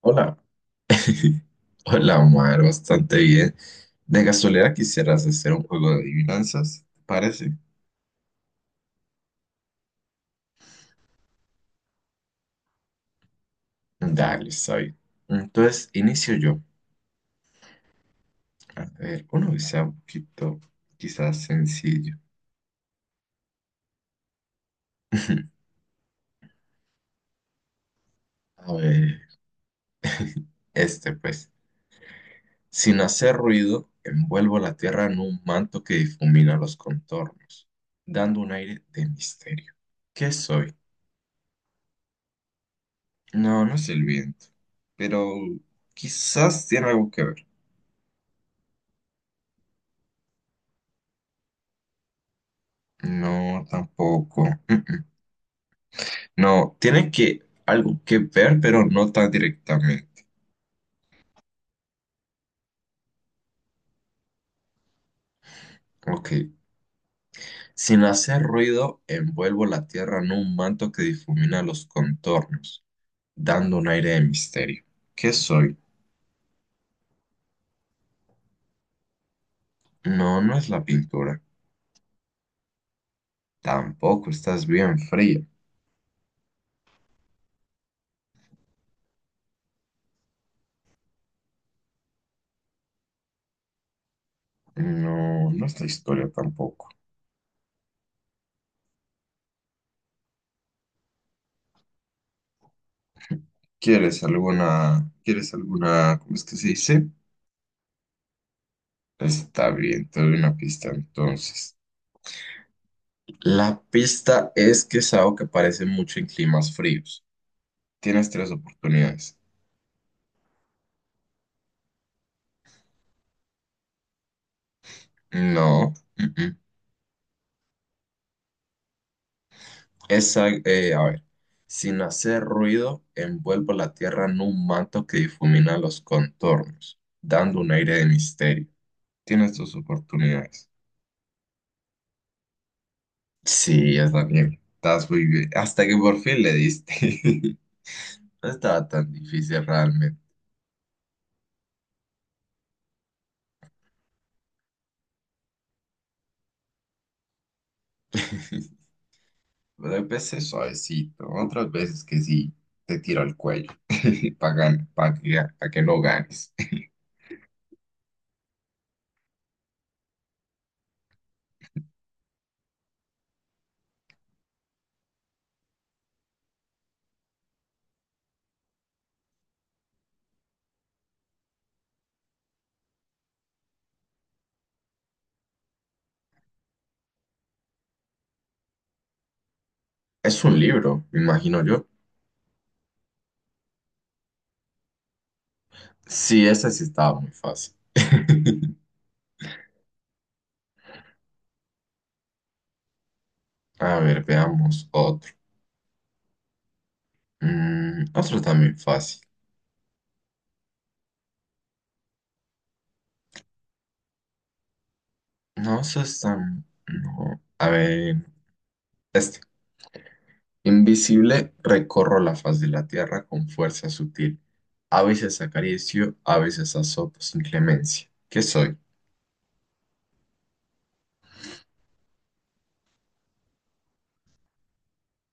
Hola. Hola, Omar, bastante bien. De casualidad quisieras hacer un juego de adivinanzas, ¿te parece? Dale, soy. Entonces, inicio yo. A ver, uno que sea un poquito, quizás sencillo. A ver, este pues. Sin hacer ruido, envuelvo la tierra en un manto que difumina los contornos, dando un aire de misterio. ¿Qué soy? No, no es el viento, pero quizás tiene algo que ver. No, tampoco. Mm-mm. No, tiene que algo que ver, pero no tan directamente. Ok. Sin hacer ruido, envuelvo la tierra en un manto que difumina los contornos, dando un aire de misterio. ¿Qué soy? No, no es la pintura. Tampoco estás bien fría. No, no es la historia tampoco. ¿Cómo es que se dice? Está bien, te doy una pista entonces. La pista es que es algo que aparece mucho en climas fríos. Tienes tres oportunidades. No. Mm-mm. Esa, a ver. Sin hacer ruido, envuelvo la tierra en un manto que difumina los contornos, dando un aire de misterio. Tienes tus oportunidades. Sí, está bien. Estás muy bien. Hasta que por fin le diste. No estaba tan difícil realmente. Pero hay veces suavecito, otras veces que sí te tiro al cuello para que, pa' que no ganes. Es un libro, me imagino yo. Sí, ese sí estaba muy fácil. A ver, veamos otro. Mm, otro también fácil. No, eso es tan... No. A ver, este. Invisible, recorro la faz de la tierra con fuerza sutil. A veces acaricio, a veces azoto sin clemencia. ¿Qué soy?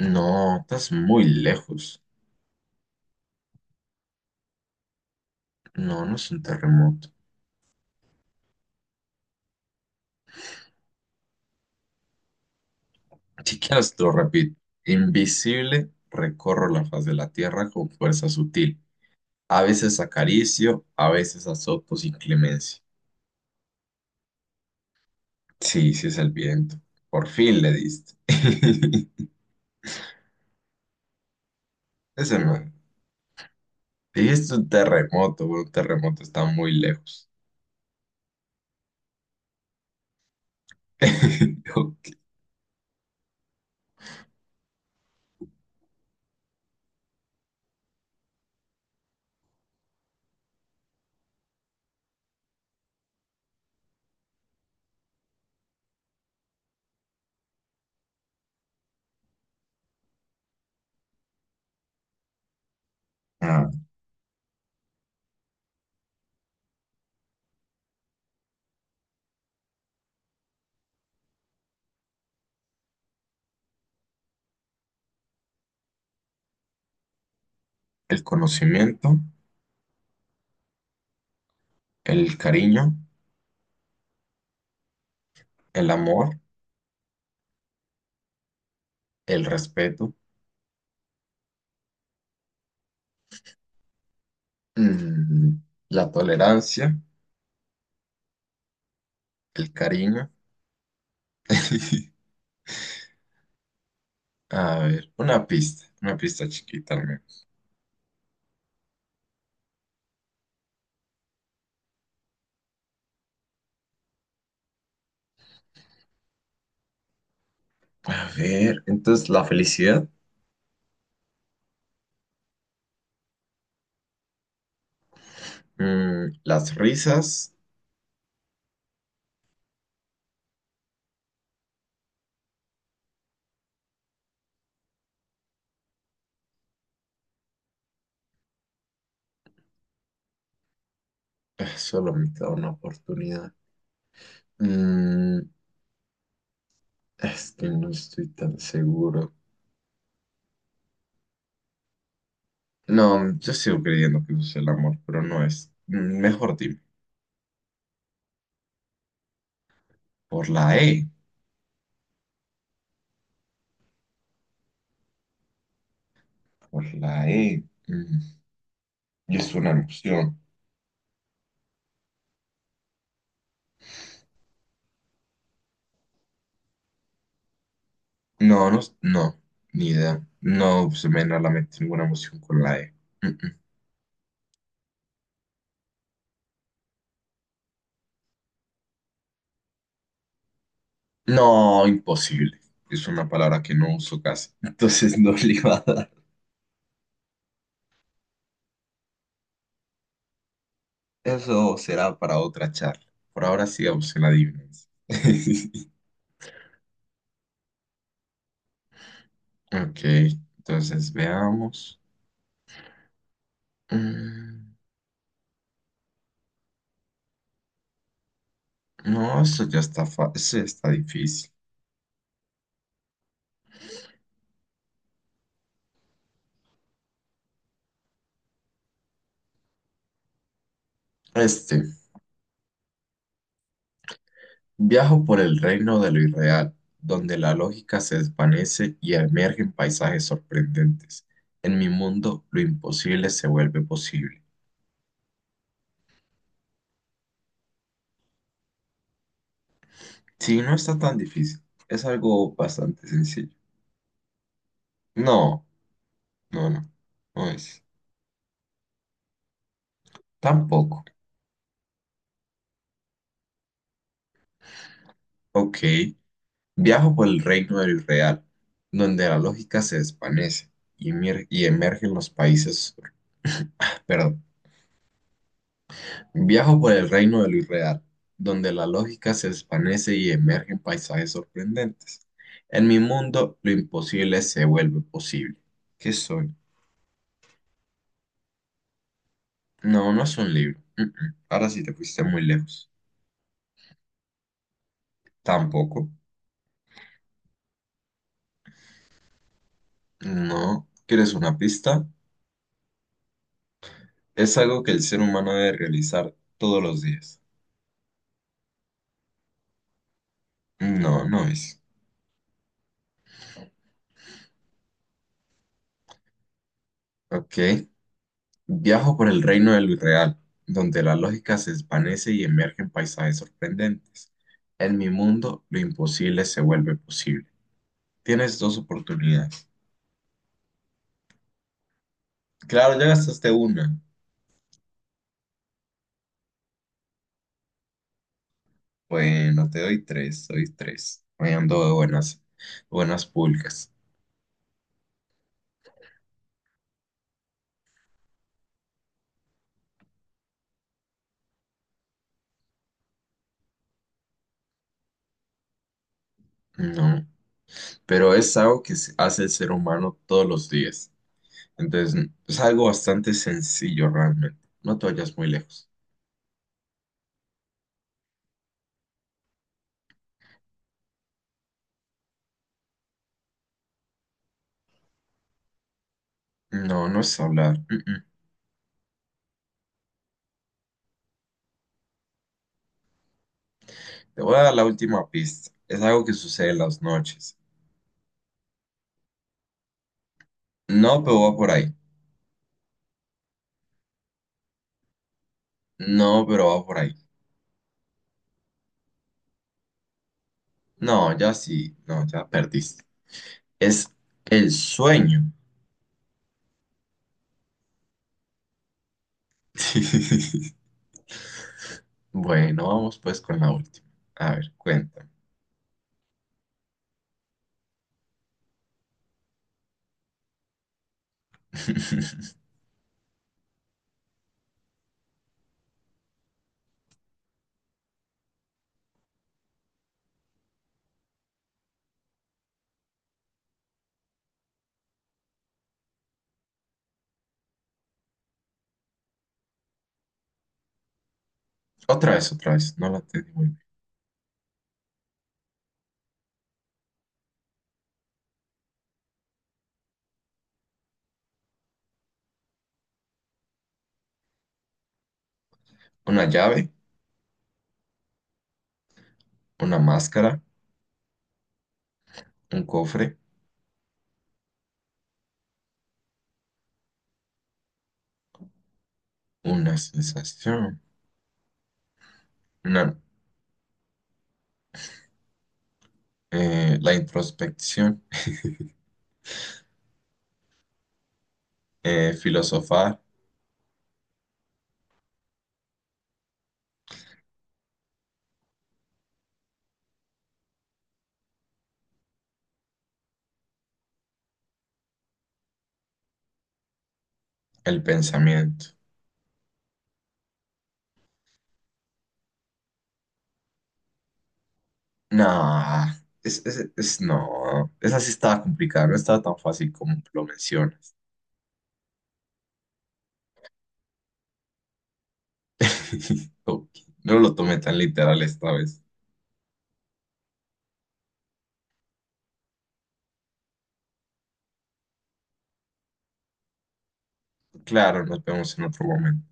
No, estás muy lejos. No, no es un terremoto. Si quieres, te lo repito. Invisible, recorro la faz de la tierra con fuerza sutil. A veces acaricio, a veces azoto sin clemencia. Sí, sí es el viento. Por fin le diste. Ese no. Dijiste un terremoto. Bueno, un terremoto está muy lejos. Ok. Ah, el conocimiento, el cariño, el amor, el respeto, mm, la tolerancia. El cariño. A ver, una pista chiquita al menos. A ver, entonces la felicidad, mm, las risas, solo me queda una oportunidad. Mm, es que no estoy tan seguro. No, yo sigo creyendo que eso es el amor, pero no es. Mm, mejor dime, por la E, por la E. Mm, y es una emoción. No, no, no, ni idea. No se me viene a la mente ninguna emoción con la E. Mm, mm. No, imposible. Es una palabra que no uso casi. Entonces no le iba a dar. Eso será para otra charla. Por ahora sigamos en la adivinanza. Ok, entonces veamos. Mm, no, esto ya está, esto ya está difícil. Este, viajo por el reino de lo irreal, donde la lógica se desvanece y emergen paisajes sorprendentes. En mi mundo, lo imposible se vuelve posible. Sí, no está tan difícil. Es algo bastante sencillo. No, no, no, no es. Tampoco. Ok. Viajo por el reino del real, donde la lógica se desvanece y emergen los países. Perdón. Viajo por el reino del irreal, donde la lógica se desvanece y emergen paisajes sorprendentes. En mi mundo, lo imposible se vuelve posible. ¿Qué soy? No, no es un libro. Mm, mm. Ahora sí te fuiste muy lejos. Tampoco. No. ¿Quieres una pista? Es algo que el ser humano debe realizar todos los días. No, no es. Ok. Viajo por el reino de lo irreal, donde la lógica se desvanece y emergen paisajes sorprendentes. En mi mundo, lo imposible se vuelve posible. Tienes dos oportunidades. Claro, ya gastaste una. Bueno, te doy tres, doy tres. Me ando de buenas, buenas pulgas. No, pero es algo que hace el ser humano todos los días. Entonces, es algo bastante sencillo realmente. No te vayas muy lejos. No, no es hablar. Mm, mm. Te voy a dar la última pista. Es algo que sucede en las noches. No, pero va por ahí. No, pero va por ahí. No, ya sí. No, ya perdiste. Es el sueño. Bueno, vamos pues con la última. A ver, cuéntame. Otra vez, otra vez. No la entendí muy bien. Una llave, una máscara, un cofre, una sensación. Una la introspección, filosofar, el pensamiento. Nah, no, esa sí estaba complicada, no estaba tan fácil como lo mencionas. Ok, no lo tomé tan literal esta vez. Claro, nos vemos en otro momento.